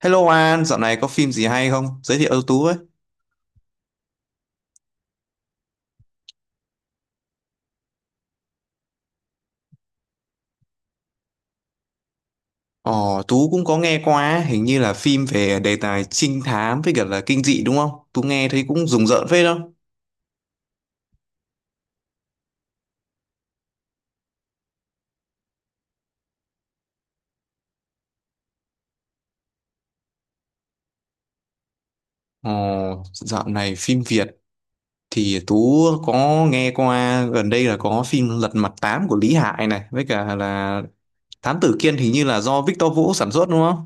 Hello An, dạo này có phim gì hay không? Giới thiệu cho Tú với. Ồ, Tú cũng có nghe qua, hình như là phim về đề tài trinh thám với cả là kinh dị đúng không? Tú nghe thấy cũng rùng rợn phết không? Ồ, dạo này phim Việt thì Tú có nghe qua gần đây là có phim Lật Mặt Tám của Lý Hải này với cả là Thám Tử Kiên, hình như là do Victor Vũ sản xuất đúng không?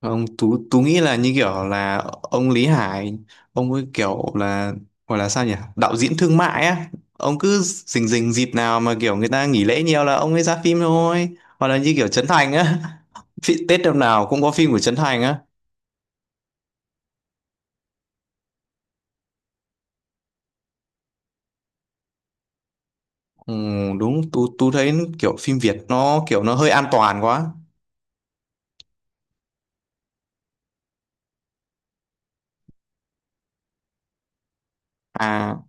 Không, Tú nghĩ là như kiểu là ông Lý Hải, ông ấy kiểu là, gọi là sao nhỉ? Đạo diễn thương mại á. Ông cứ rình rình dịp nào mà kiểu người ta nghỉ lễ nhiều là ông ấy ra phim thôi. Hoặc là như kiểu Trấn Thành á. Tết năm nào cũng có phim của Trấn Thành á. Ừ, đúng, Tú thấy kiểu phim Việt nó kiểu nó hơi an toàn quá. À,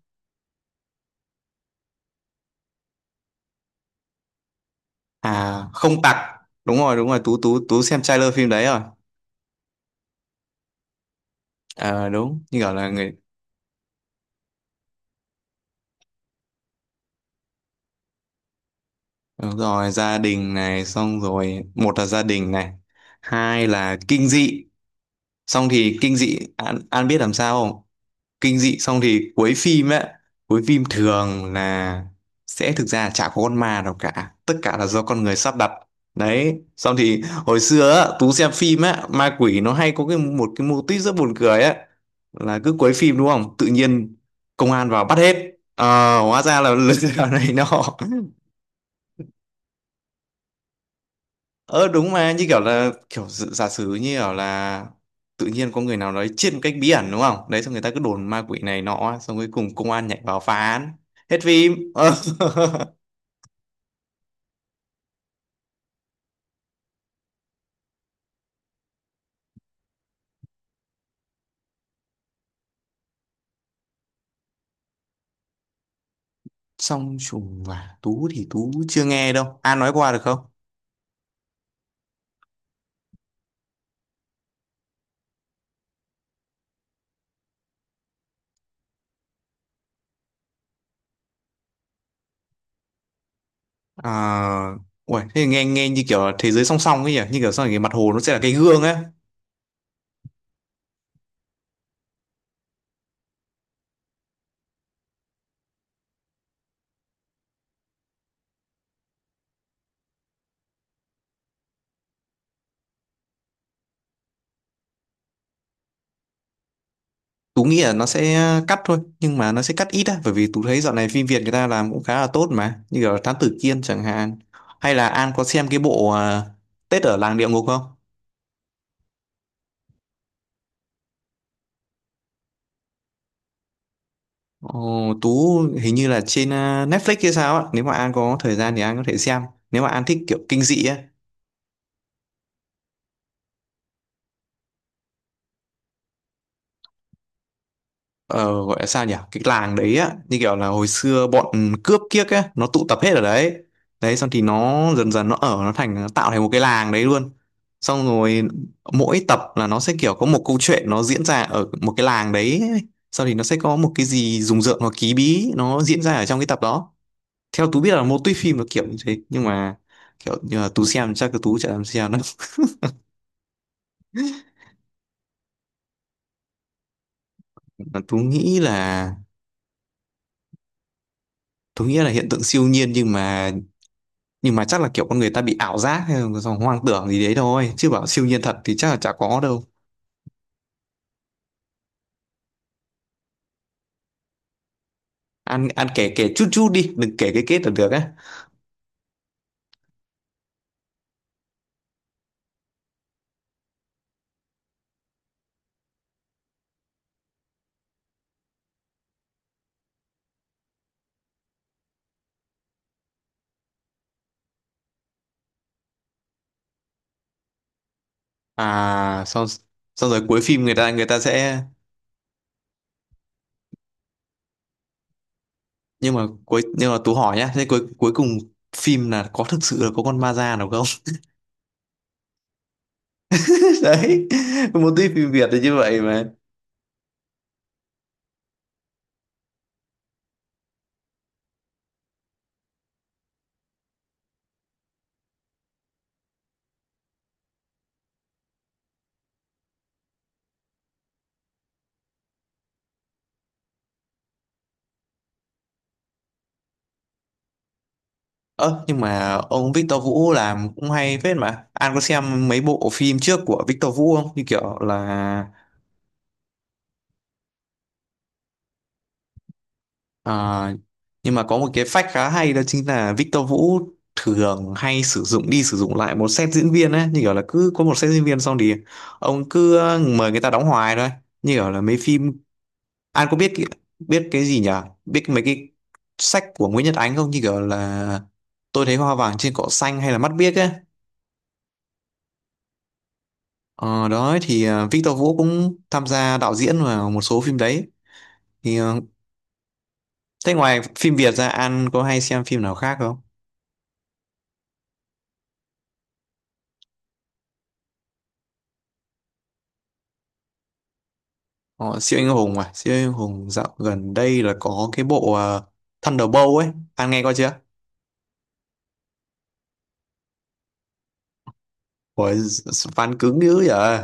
à, không tặc. Đúng rồi, Tú xem trailer phim đấy rồi. À, đúng, như kiểu là người. Đúng rồi, gia đình này, xong rồi một là gia đình này, hai là kinh dị, xong thì kinh dị An biết làm sao không? Kinh dị xong thì cuối phim ấy, cuối phim thường là sẽ thực ra là chả có con ma nào cả, tất cả là do con người sắp đặt. Đấy, xong thì hồi xưa á, Tú xem phim á, ma quỷ nó hay có cái một cái mô típ rất buồn cười á, là cứ cuối phim đúng không? Tự nhiên công an vào bắt hết. Ờ, hóa ra là lừa đảo này nọ. Ờ đúng, mà như kiểu là kiểu giả sử như kiểu là tự nhiên có người nào đấy chết một cách bí ẩn đúng không? Đấy xong người ta cứ đồn ma quỷ này nọ, xong cuối cùng công an nhảy vào phá án. Hết phim. Ờ. Song trùng và Tú thì Tú chưa nghe đâu. An nói qua được không? À, uầy, thế nghe nghe như kiểu là thế giới song song ấy nhỉ, như kiểu sau này cái mặt hồ nó sẽ là cái gương ấy. Tú nghĩ là nó sẽ cắt thôi, nhưng mà nó sẽ cắt ít á, bởi vì Tú thấy dạo này phim Việt người ta làm cũng khá là tốt, mà như kiểu Thám Tử Kiên chẳng hạn. Hay là An có xem cái bộ Tết ở làng địa ngục không? Ồ, Tú hình như là trên Netflix hay sao á, nếu mà An có thời gian thì An có thể xem, nếu mà An thích kiểu kinh dị á. Ờ, gọi là sao nhỉ, cái làng đấy á, như kiểu là hồi xưa bọn cướp kiếc ấy nó tụ tập hết ở đấy, đấy xong thì nó dần dần nó tạo thành một cái làng đấy luôn, xong rồi mỗi tập là nó sẽ kiểu có một câu chuyện nó diễn ra ở một cái làng đấy, sau thì nó sẽ có một cái gì rùng rợn hoặc ký bí nó diễn ra ở trong cái tập đó. Theo Tú biết là mô típ phim là kiểu như thế, nhưng mà kiểu như là Tú xem, chắc là Tú chả làm xem đâu. Tú nghĩ là Tú nghĩ là hiện tượng siêu nhiên, nhưng mà chắc là kiểu con người ta bị ảo giác hay là hoang tưởng gì đấy thôi, chứ bảo siêu nhiên thật thì chắc là chả có đâu. Ăn ăn kể kể chút chút đi, đừng kể cái kết là được á. À, xong xong rồi cuối phim người ta sẽ, nhưng mà nhưng mà Tú hỏi nhá, thế cuối cuối cùng phim là có thực sự là có con ma da nào không? Đấy, một tí phim Việt thì như vậy mà. Ơ, nhưng mà ông Victor Vũ làm cũng hay phết mà, An có xem mấy bộ phim trước của Victor Vũ không, như kiểu là... À, nhưng mà có một cái fact khá hay, đó chính là Victor Vũ thường hay sử dụng đi sử dụng lại một set diễn viên ấy, như kiểu là cứ có một set diễn viên xong thì ông cứ mời người ta đóng hoài thôi, như kiểu là mấy phim. An có biết biết cái gì nhỉ, biết mấy cái sách của Nguyễn Nhật Ánh không, như kiểu là Tôi Thấy Hoa Vàng Trên Cỏ Xanh hay là Mắt Biếc ấy. Ờ, đó thì Victor Vũ cũng tham gia đạo diễn vào một số phim đấy, thì à. Thế ngoài phim Việt ra An có hay xem phim nào khác không? Ờ, siêu anh hùng, dạo gần đây là có cái bộ Thunderbolt ấy, anh nghe coi chưa? Ủa, fan cứng dữ vậy?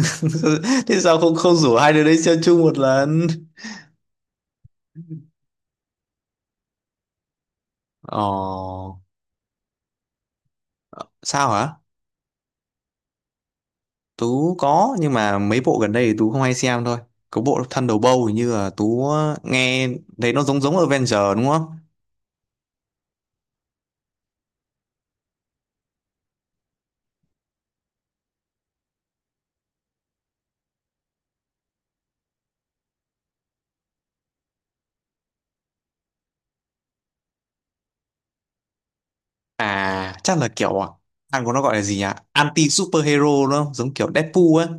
Thế sao không không rủ hai đứa đấy xem chung một lần? ờ Sao hả? Tú có, nhưng mà mấy bộ gần đây thì Tú không hay xem thôi. Có bộ Thunderbolt hình như là Tú nghe thấy nó giống giống Avenger đúng không? À, chắc là kiểu anh có, nó gọi là gì nhỉ, anti superhero đúng không, giống kiểu Deadpool ấy.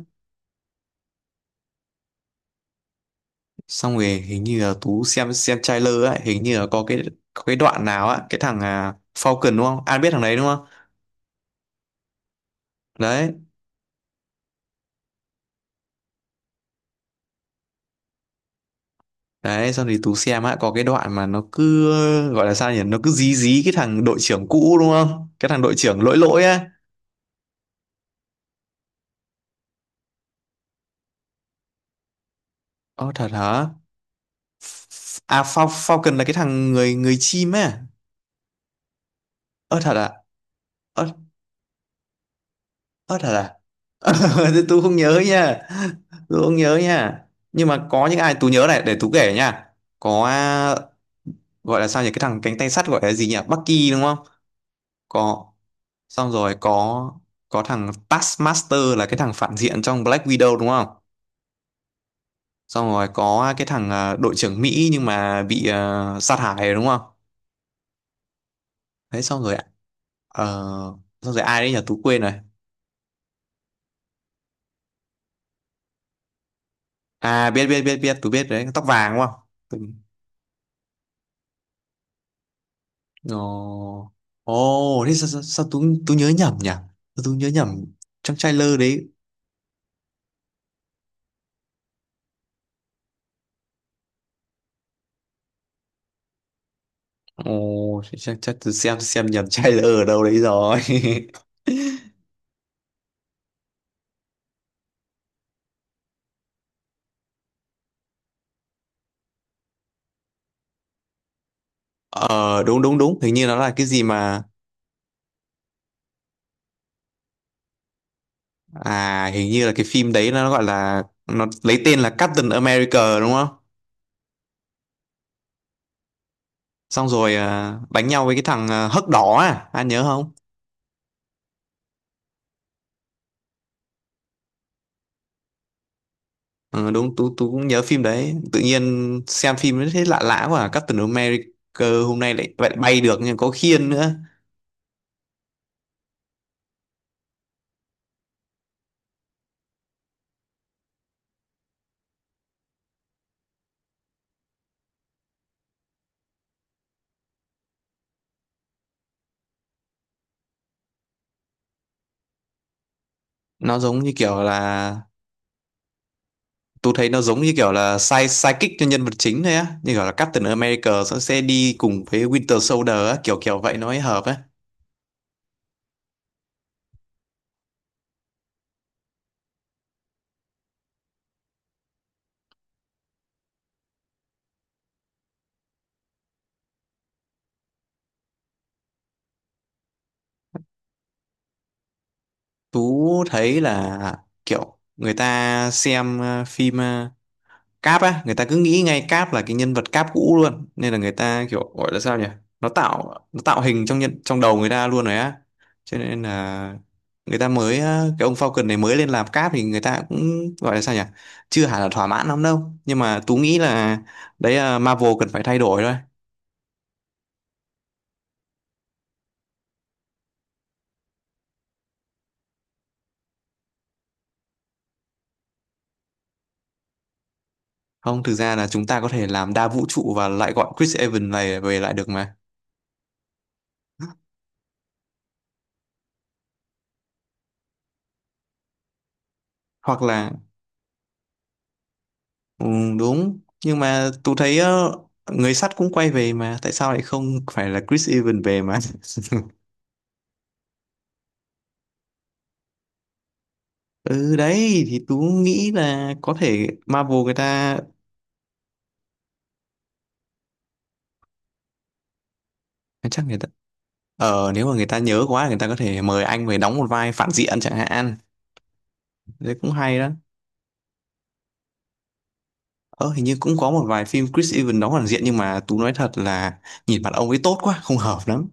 Xong rồi hình như là Tú xem trailer ấy, hình như là có cái đoạn nào á, cái thằng Falcon đúng không, An biết thằng đấy đúng không? Đấy đấy xong thì Tú xem á, có cái đoạn mà nó cứ gọi là sao nhỉ, nó cứ dí dí cái thằng đội trưởng cũ đúng không, cái thằng đội trưởng lỗi lỗi á. Ơ thật hả? Falcon là cái thằng người người chim á. Ơ thật à? Ơ ơ thật à? Thế Tú không nhớ nha, Tú không nhớ nha, nhưng mà có những ai Tú nhớ này để Tú kể nha. Có, gọi là sao nhỉ, cái thằng cánh tay sắt gọi là gì nhỉ, Bucky đúng không? Có. Xong rồi có thằng Taskmaster là cái thằng phản diện trong Black Widow đúng không? Xong rồi có cái thằng đội trưởng Mỹ nhưng mà bị sát hại rồi đúng không? Đấy. Xong rồi ờ, xong rồi ai đấy nhỉ, Tú quên rồi. À, biết biết biết biết Tú biết đấy, tóc vàng đúng không? Tú... Ồ, thế sao Tú Tú nhớ nhầm nhỉ? Sao Tú nhớ nhầm trong trailer đấy? Ồ, chắc chắc tôi xem nhầm trailer ở đâu đấy rồi. Ờ, đúng đúng đúng, hình như nó là cái gì mà... À, hình như là cái phim đấy nó lấy tên là Captain America đúng không? Xong rồi đánh nhau với cái thằng hấc đỏ anh nhớ không? Ừ, đúng, tú tú cũng nhớ phim đấy. Tự nhiên xem phim nó thấy lạ lạ quá à. Captain America hôm nay lại lại bay được nhưng có khiên nữa. Nó giống như kiểu là, tôi thấy nó giống như kiểu là sidekick cho nhân vật chính thôi á, như kiểu là Captain America sẽ đi cùng với Winter Soldier á, kiểu kiểu vậy nó mới hợp á. Tú thấy là kiểu người ta xem phim Cap á, người ta cứ nghĩ ngay Cap là cái nhân vật Cap cũ luôn, nên là người ta kiểu gọi là sao nhỉ, nó tạo hình trong đầu người ta luôn rồi á, cho nên là người ta mới á, cái ông Falcon này mới lên làm Cap thì người ta cũng gọi là sao nhỉ, chưa hẳn là thỏa mãn lắm đâu, nhưng mà Tú nghĩ là đấy là Marvel cần phải thay đổi thôi. Không, thực ra là chúng ta có thể làm đa vũ trụ và lại gọi Chris Evans này về lại được mà. Hoặc là... Ừ, đúng, nhưng mà tôi thấy người sắt cũng quay về mà, tại sao lại không phải là Chris Evans về mà? Ừ đấy, thì tôi nghĩ là có thể Marvel người ta chắc người ta, nếu mà người ta nhớ quá người ta có thể mời anh về đóng một vai phản diện chẳng hạn. Đấy cũng hay đó. Ờ, hình như cũng có một vài phim Chris Evans đóng phản diện, nhưng mà tôi nói thật là nhìn mặt ông ấy tốt quá, không hợp lắm.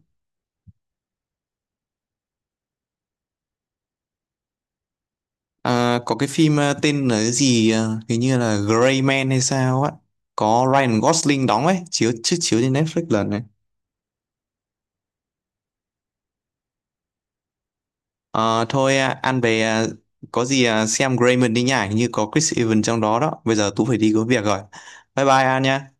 À, có cái phim tên là cái gì hình như là Gray Man hay sao á, có Ryan Gosling đóng ấy, chiếu chiếu chiếu trên Netflix lần này. Ờ, thôi ăn về có gì xem Gray Man đi nhá, hình như có Chris Evans trong đó đó. Bây giờ Tú phải đi có việc rồi. Bye bye An nhá.